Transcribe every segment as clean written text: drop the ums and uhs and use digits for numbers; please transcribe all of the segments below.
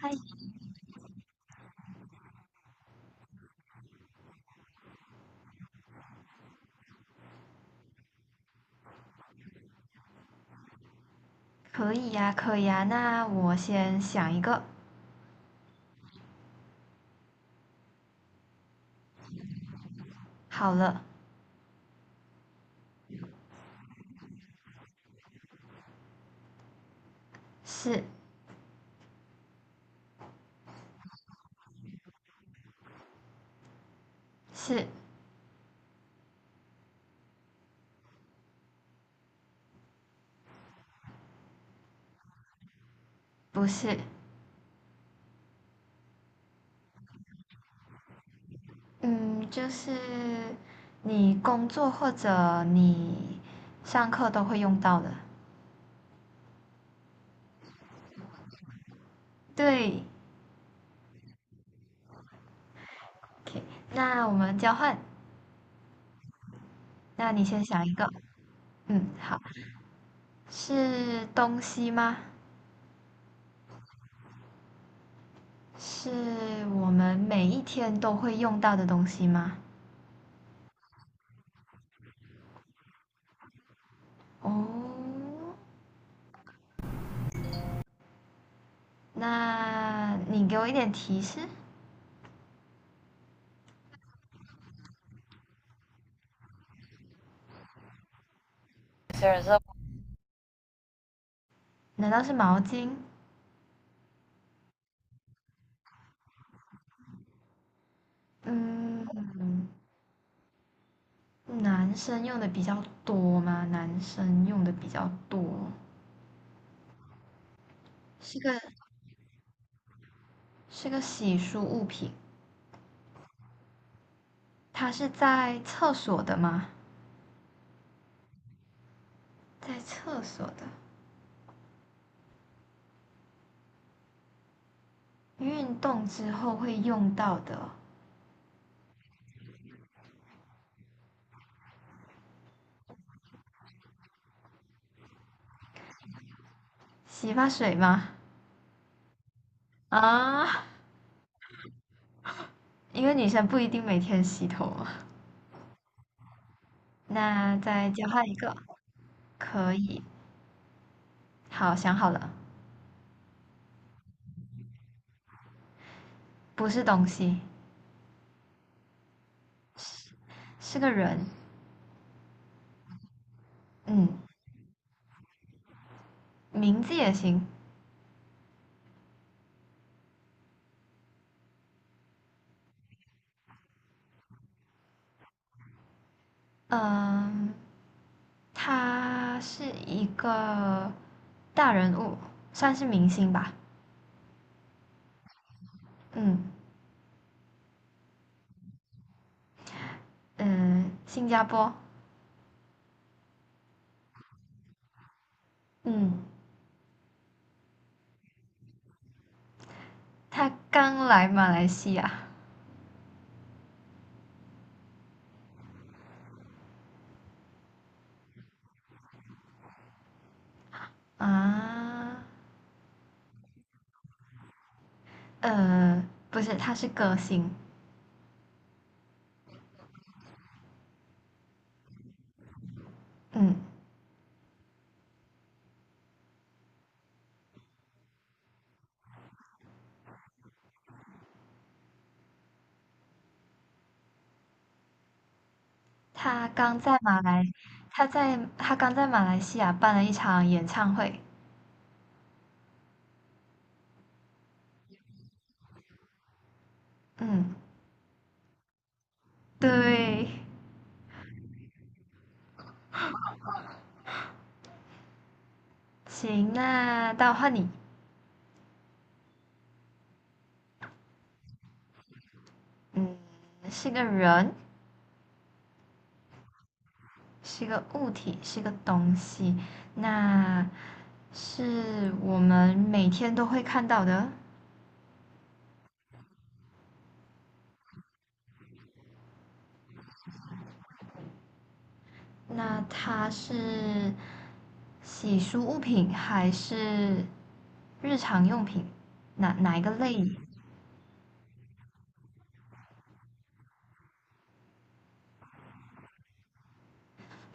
嗨，可以呀，可以呀。那我先想一个。好了，是，是，不是？嗯，就是你工作或者你上课都会用到的。对，OK。那我们交换。那你先想一个。嗯，好。是东西吗？是我们每一天都会用到的东西吗？哦，那你给我一点提示。难道是毛巾？嗯，男生用的比较多吗？男生用的比较多，是个是个洗漱物品。它是在厕所的吗？在厕所的，运动之后会用到的洗发水吗？啊，因为女生不一定每天洗头嘛。那再交换一个，可以。好，想好了，不是东西，是个人。嗯，名字也行。嗯，他是一个大人物，算是明星吧。嗯，嗯，新加坡，嗯，他刚来马来西亚。啊，呃，不是，他是歌星。嗯，他刚在马来，他刚在马来西亚办了一场演唱会。嗯，对，行，那到换你。嗯，是个人，是个物体，是个东西，那是我们每天都会看到的。那它是洗漱物品还是日常用品？哪一个类？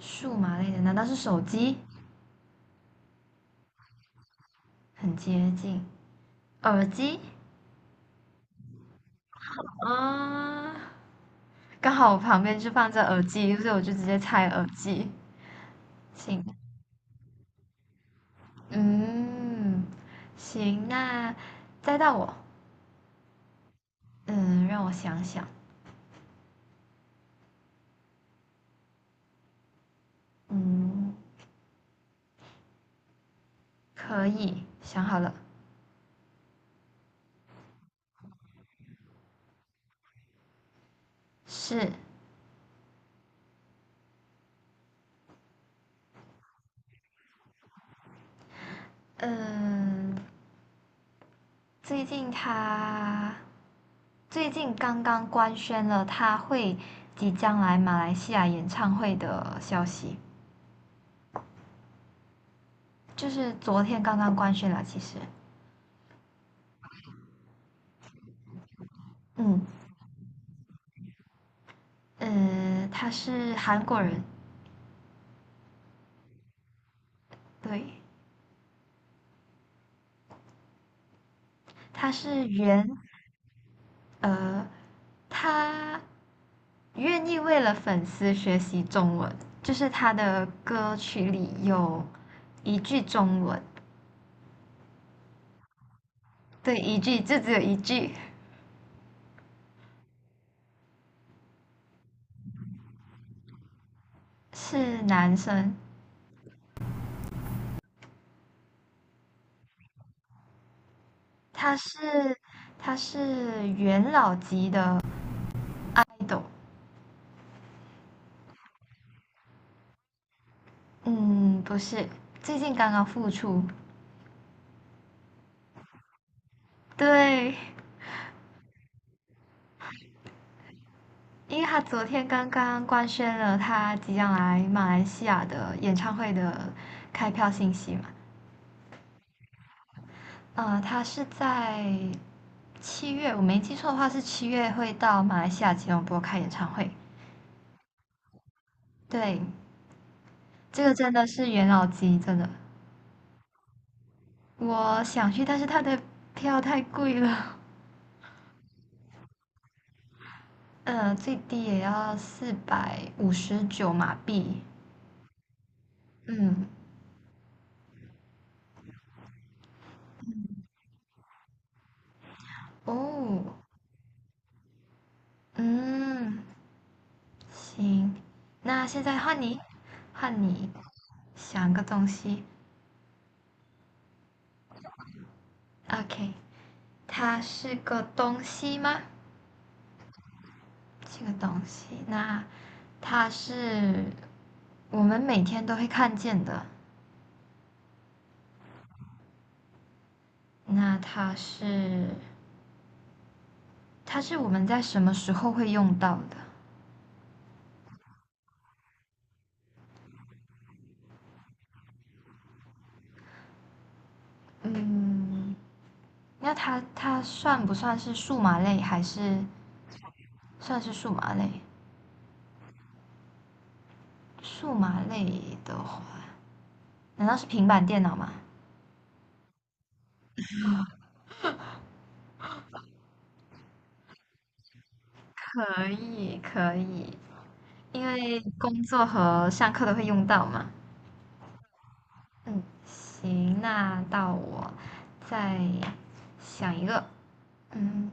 数码类的？难道是手机？很接近。耳机啊，刚好我旁边就放着耳机，所以我就直接猜耳机。行，嗯，行，那再到我。嗯，让我想想，嗯，可以，想好了，是。嗯，最近他最近刚刚官宣了他会即将来马来西亚演唱会的消息，就是昨天刚刚官宣了，其实。嗯，他是韩国人。对，他是原呃，他愿意为了粉丝学习中文，就是他的歌曲里有一句中文。对，一句，就只有一句，是男生。他是他是元老级的 idol。嗯，不是，最近刚刚复出。对，因为他昨天刚刚官宣了他即将来马来西亚的演唱会的开票信息嘛。他是在七月，我没记错的话是七月会到马来西亚吉隆坡开演唱会。对，这个真的是元老级，真的。我想去，但是他的票太贵了。最低也要459马币。嗯，哦，嗯，行，那现在换你，换你想个东西。OK，它是个东西吗？这个东西，那它是我们每天都会看见的，那它是我们在什么时候会用到的？嗯，那它算不算是数码类，还是算是数码类？数码类的话，难道是平板电脑吗？可以，可以，因为工作和上课都会用到嘛。嗯，行，那到我再想一个。嗯，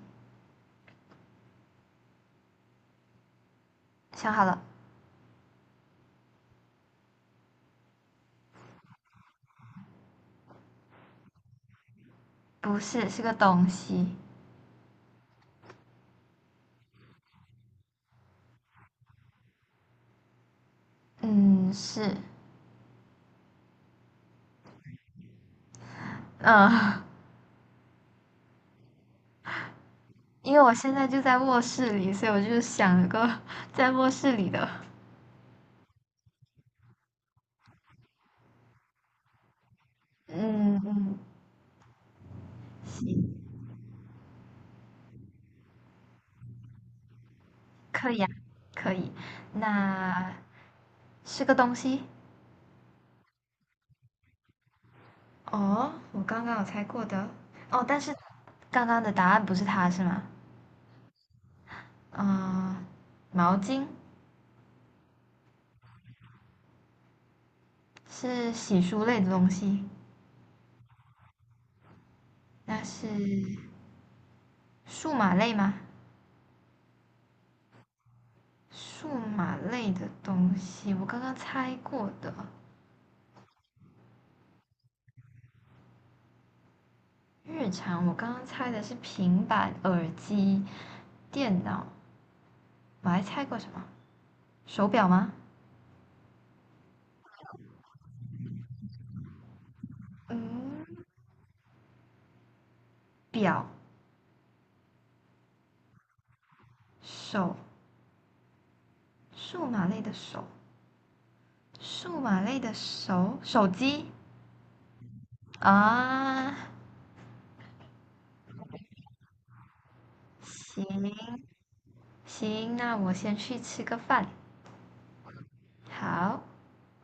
想好了，不是，是个东西。嗯，是，嗯、因为我现在就在卧室里，所以我就想了个 在卧室里的。嗯嗯，行，可以啊，可以。那是个东西。哦，我刚刚有猜过的。哦，但是刚刚的答案不是它是吗？嗯、毛巾。是洗漱类的东西，那是数码类吗？数码类的东西，我刚刚猜过的。日常我刚刚猜的是平板、耳机、电脑，我还猜过什么？手表吗？嗯，表、手，数码类的手，数码类的手，手机啊。行，行，那我先去吃个饭。好。